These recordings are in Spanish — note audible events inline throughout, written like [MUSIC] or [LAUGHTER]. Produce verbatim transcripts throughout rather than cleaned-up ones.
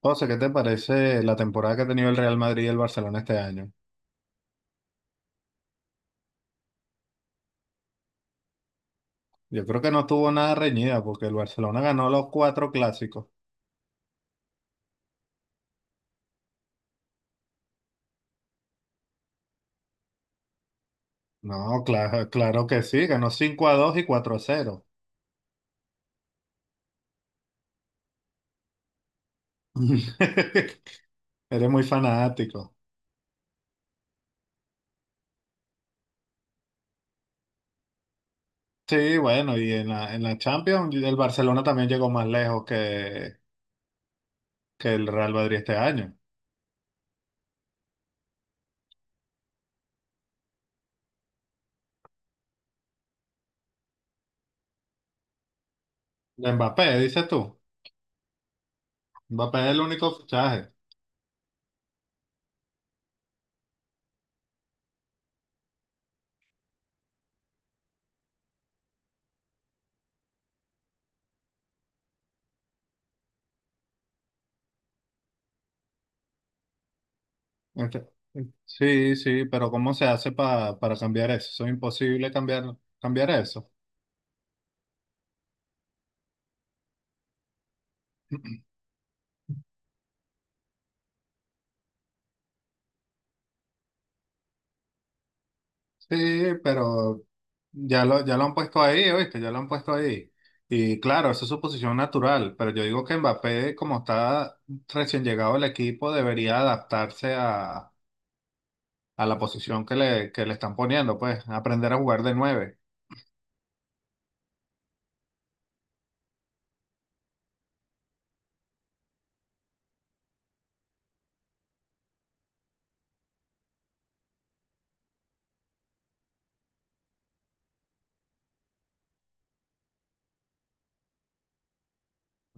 José, ¿qué te parece la temporada que ha tenido el Real Madrid y el Barcelona este año? Yo creo que no estuvo nada reñida porque el Barcelona ganó los cuatro clásicos. No, claro, claro que sí, ganó cinco a dos y cuatro a cero. [LAUGHS] Eres muy fanático. Sí, bueno, y en la, en la Champions el Barcelona también llegó más lejos que, que el Real Madrid este año. De Mbappé, dices tú. Mbappé es el único fichaje. Este- Sí, sí, pero ¿cómo se hace pa- para cambiar eso? Eso es imposible cambiar, cambiar eso. Sí, pero ya lo, ya lo han puesto ahí, ¿oíste? Ya lo han puesto ahí. Y claro, esa es su posición natural, pero yo digo que Mbappé, como está recién llegado al equipo, debería adaptarse a, a la posición que le, que le están poniendo, pues, aprender a jugar de nueve.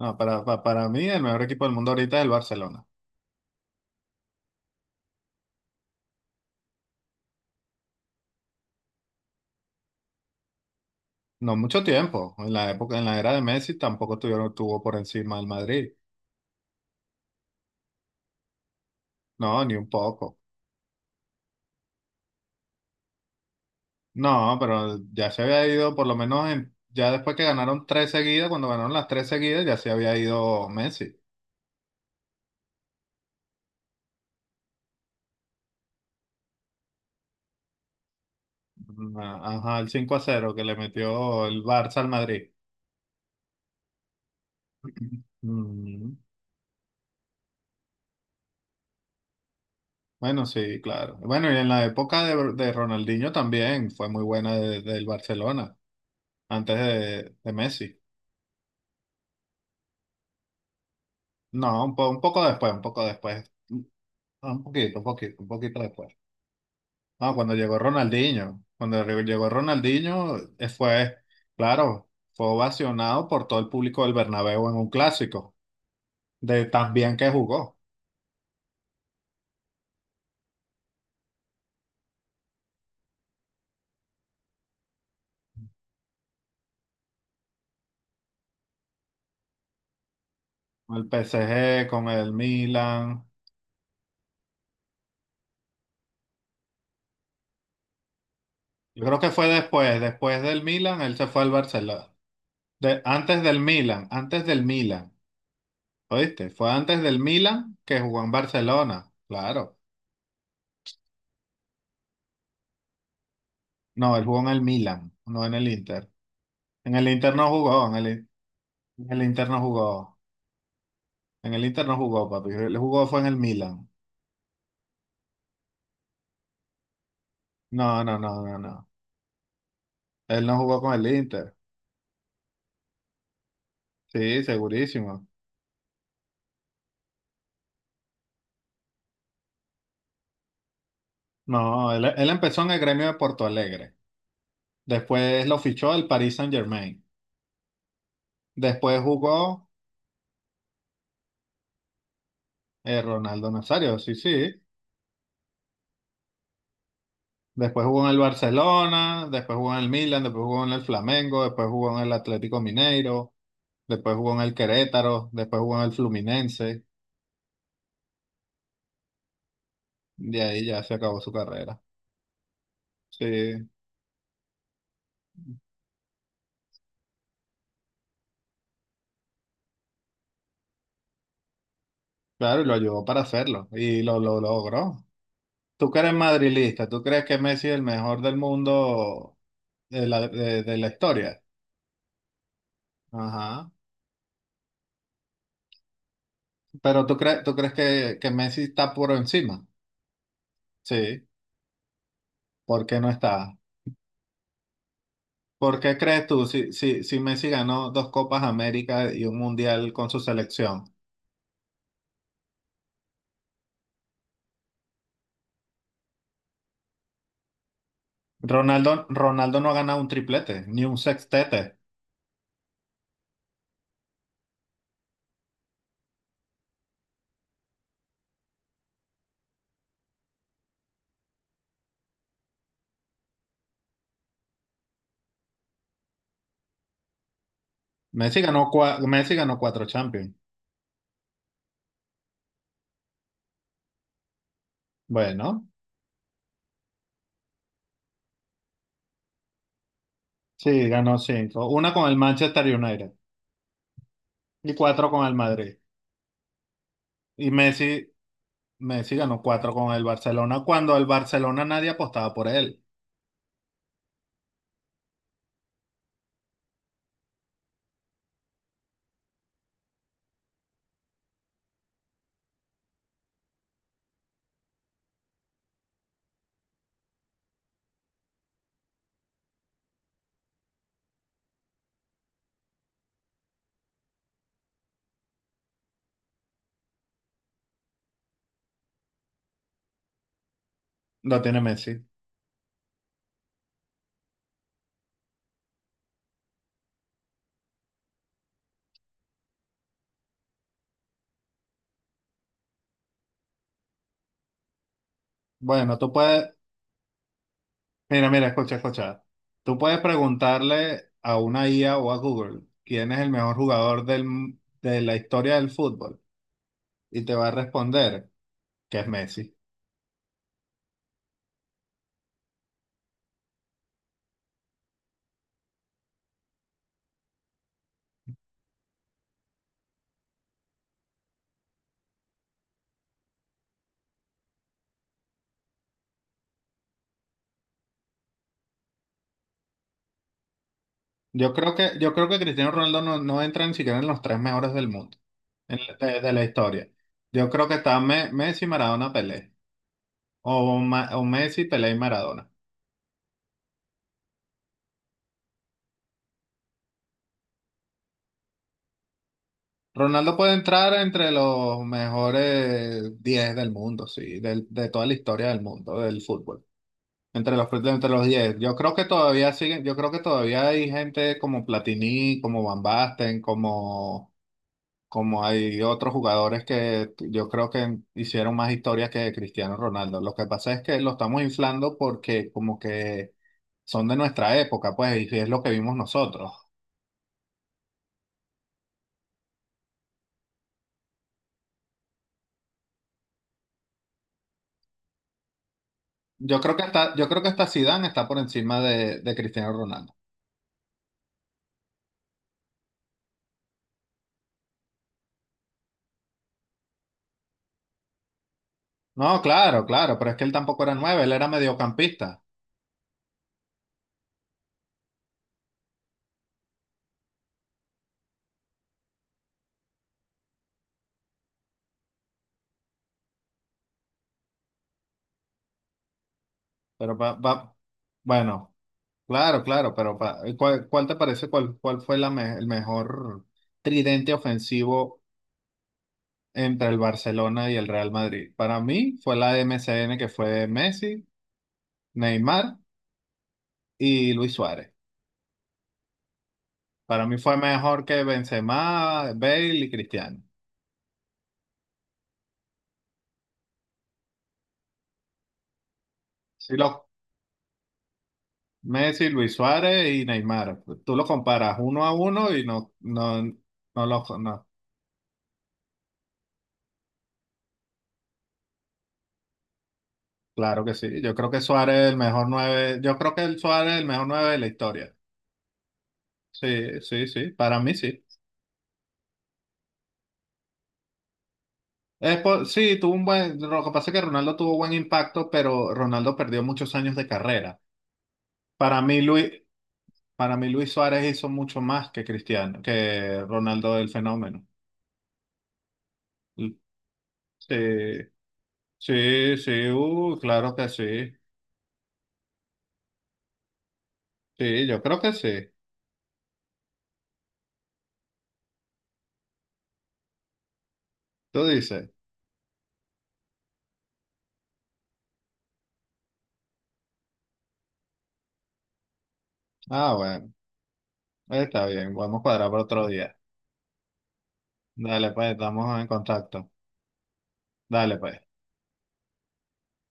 No, para, pa- para mí, el mejor equipo del mundo ahorita es el Barcelona. No mucho tiempo, en la época, en la era de Messi tampoco tuvieron, tuvo por encima el Madrid. No, ni un poco. No, pero ya se había ido, por lo menos en- ya después que ganaron tres seguidas, cuando ganaron las tres seguidas, ya se había ido Messi. Ah, ajá, el cinco a cero que le metió el Barça al Madrid. Mm. Bueno, sí, claro. Bueno, y en la época de, de Ronaldinho también fue muy buena de- del Barcelona, antes de, de Messi. No, un, po- un poco después, un poco después. Un poquito, un poquito, un poquito después. No, cuando llegó Ronaldinho, cuando re- llegó Ronaldinho, eh, fue, claro, fue ovacionado por todo el público del Bernabéu en un clásico, de tan bien que jugó, con el P S G, con el Milan. Yo creo que fue después, después del Milan, él se fue al Barcelona. De- antes del Milan, antes del Milan, ¿oíste? Fue antes del Milan que jugó en Barcelona, claro. No, él jugó en el Milan, no en el Inter. En el Inter no jugó, en el, en el Inter no jugó. En el Inter no jugó, papi. Él jugó fue en el Milan. No, no, no, no, no. Él no jugó con el Inter. Sí, segurísimo. No, él, él empezó en el Gremio de Porto Alegre. Después lo fichó el Paris Saint-Germain. Después jugó eh, Ronaldo Nazario, sí, sí. Después jugó en el Barcelona, después jugó en el Milan, después jugó en el Flamengo, después jugó en el Atlético Mineiro, después jugó en el Querétaro, después jugó en el Fluminense. De ahí ya se acabó su carrera. Sí. Claro, y lo ayudó para hacerlo y lo, lo logró. ¿Tú que eres madrilista? ¿Tú crees que Messi es el mejor del mundo de la, de, de la historia? Ajá. Pero tú crees, tú crees que, que Messi está por encima. Sí. ¿Por qué no está? ¿Por qué crees tú si, si, si Messi ganó dos Copas América y un Mundial con su selección? Ronaldo, Ronaldo no ha ganado un triplete ni un sextete. Messi ganó, cua- Messi ganó cuatro Champions. Bueno, sí, ganó cinco. Una con el Manchester United. Y cuatro con el Madrid. Y Messi, Messi ganó cuatro con el Barcelona cuando el Barcelona nadie apostaba por él. Lo tiene Messi. Bueno, tú puedes, mira, mira, escucha, escucha. Tú puedes preguntarle a una I A o a Google quién es el mejor jugador del, de la historia del fútbol y te va a responder que es Messi. Yo creo que, yo creo que Cristiano Ronaldo no, no entra ni siquiera en los tres mejores del mundo, en la- de, de la historia. Yo creo que está Me- Messi, Maradona, Pelé. O, Ma- o Messi, Pelé y Maradona. Ronaldo puede entrar entre los mejores diez del mundo, sí, del- de toda la historia del mundo, del fútbol. Entre los, entre los diez. Yo creo que todavía siguen, yo creo que todavía hay gente como Platini, como Van Basten, como, como hay otros jugadores que yo creo que hicieron más historia que Cristiano Ronaldo. Lo que pasa es que lo estamos inflando porque como que son de nuestra época, pues, y es lo que vimos nosotros. Yo creo que hasta, yo creo que hasta Zidane está por encima de, de Cristiano Ronaldo. No, claro, claro, pero es que él tampoco era nueve, él era mediocampista. Pero pa- pa- bueno, claro, claro, pero pa- ¿cuál, cuál te parece, cuál, cuál fue la me- el mejor tridente ofensivo entre el Barcelona y el Real Madrid? Para mí fue la M C N que fue Messi, Neymar y Luis Suárez. Para mí fue mejor que Benzema, Bale y Cristiano. Sí, los Messi, Luis Suárez y Neymar. Tú lo comparas uno a uno y no, no, no los no. Claro que sí. Yo creo que Suárez es el mejor nueve. Yo creo que el Suárez es el mejor nueve de la historia. Sí, sí, sí. Para mí sí. Es po- sí, tuvo un buen. Lo que pasa es que Ronaldo tuvo buen impacto, pero Ronaldo perdió muchos años de carrera. Para mí, Luis, para mí, Luis Suárez hizo mucho más que Cristiano, que Ronaldo el fenómeno. L- Sí, sí, sí. Uh, claro que sí. Sí, yo creo que sí. Tú dices. Ah, bueno. Está bien. Vamos a cuadrar para otro día. Dale, pues, estamos en contacto. Dale, pues.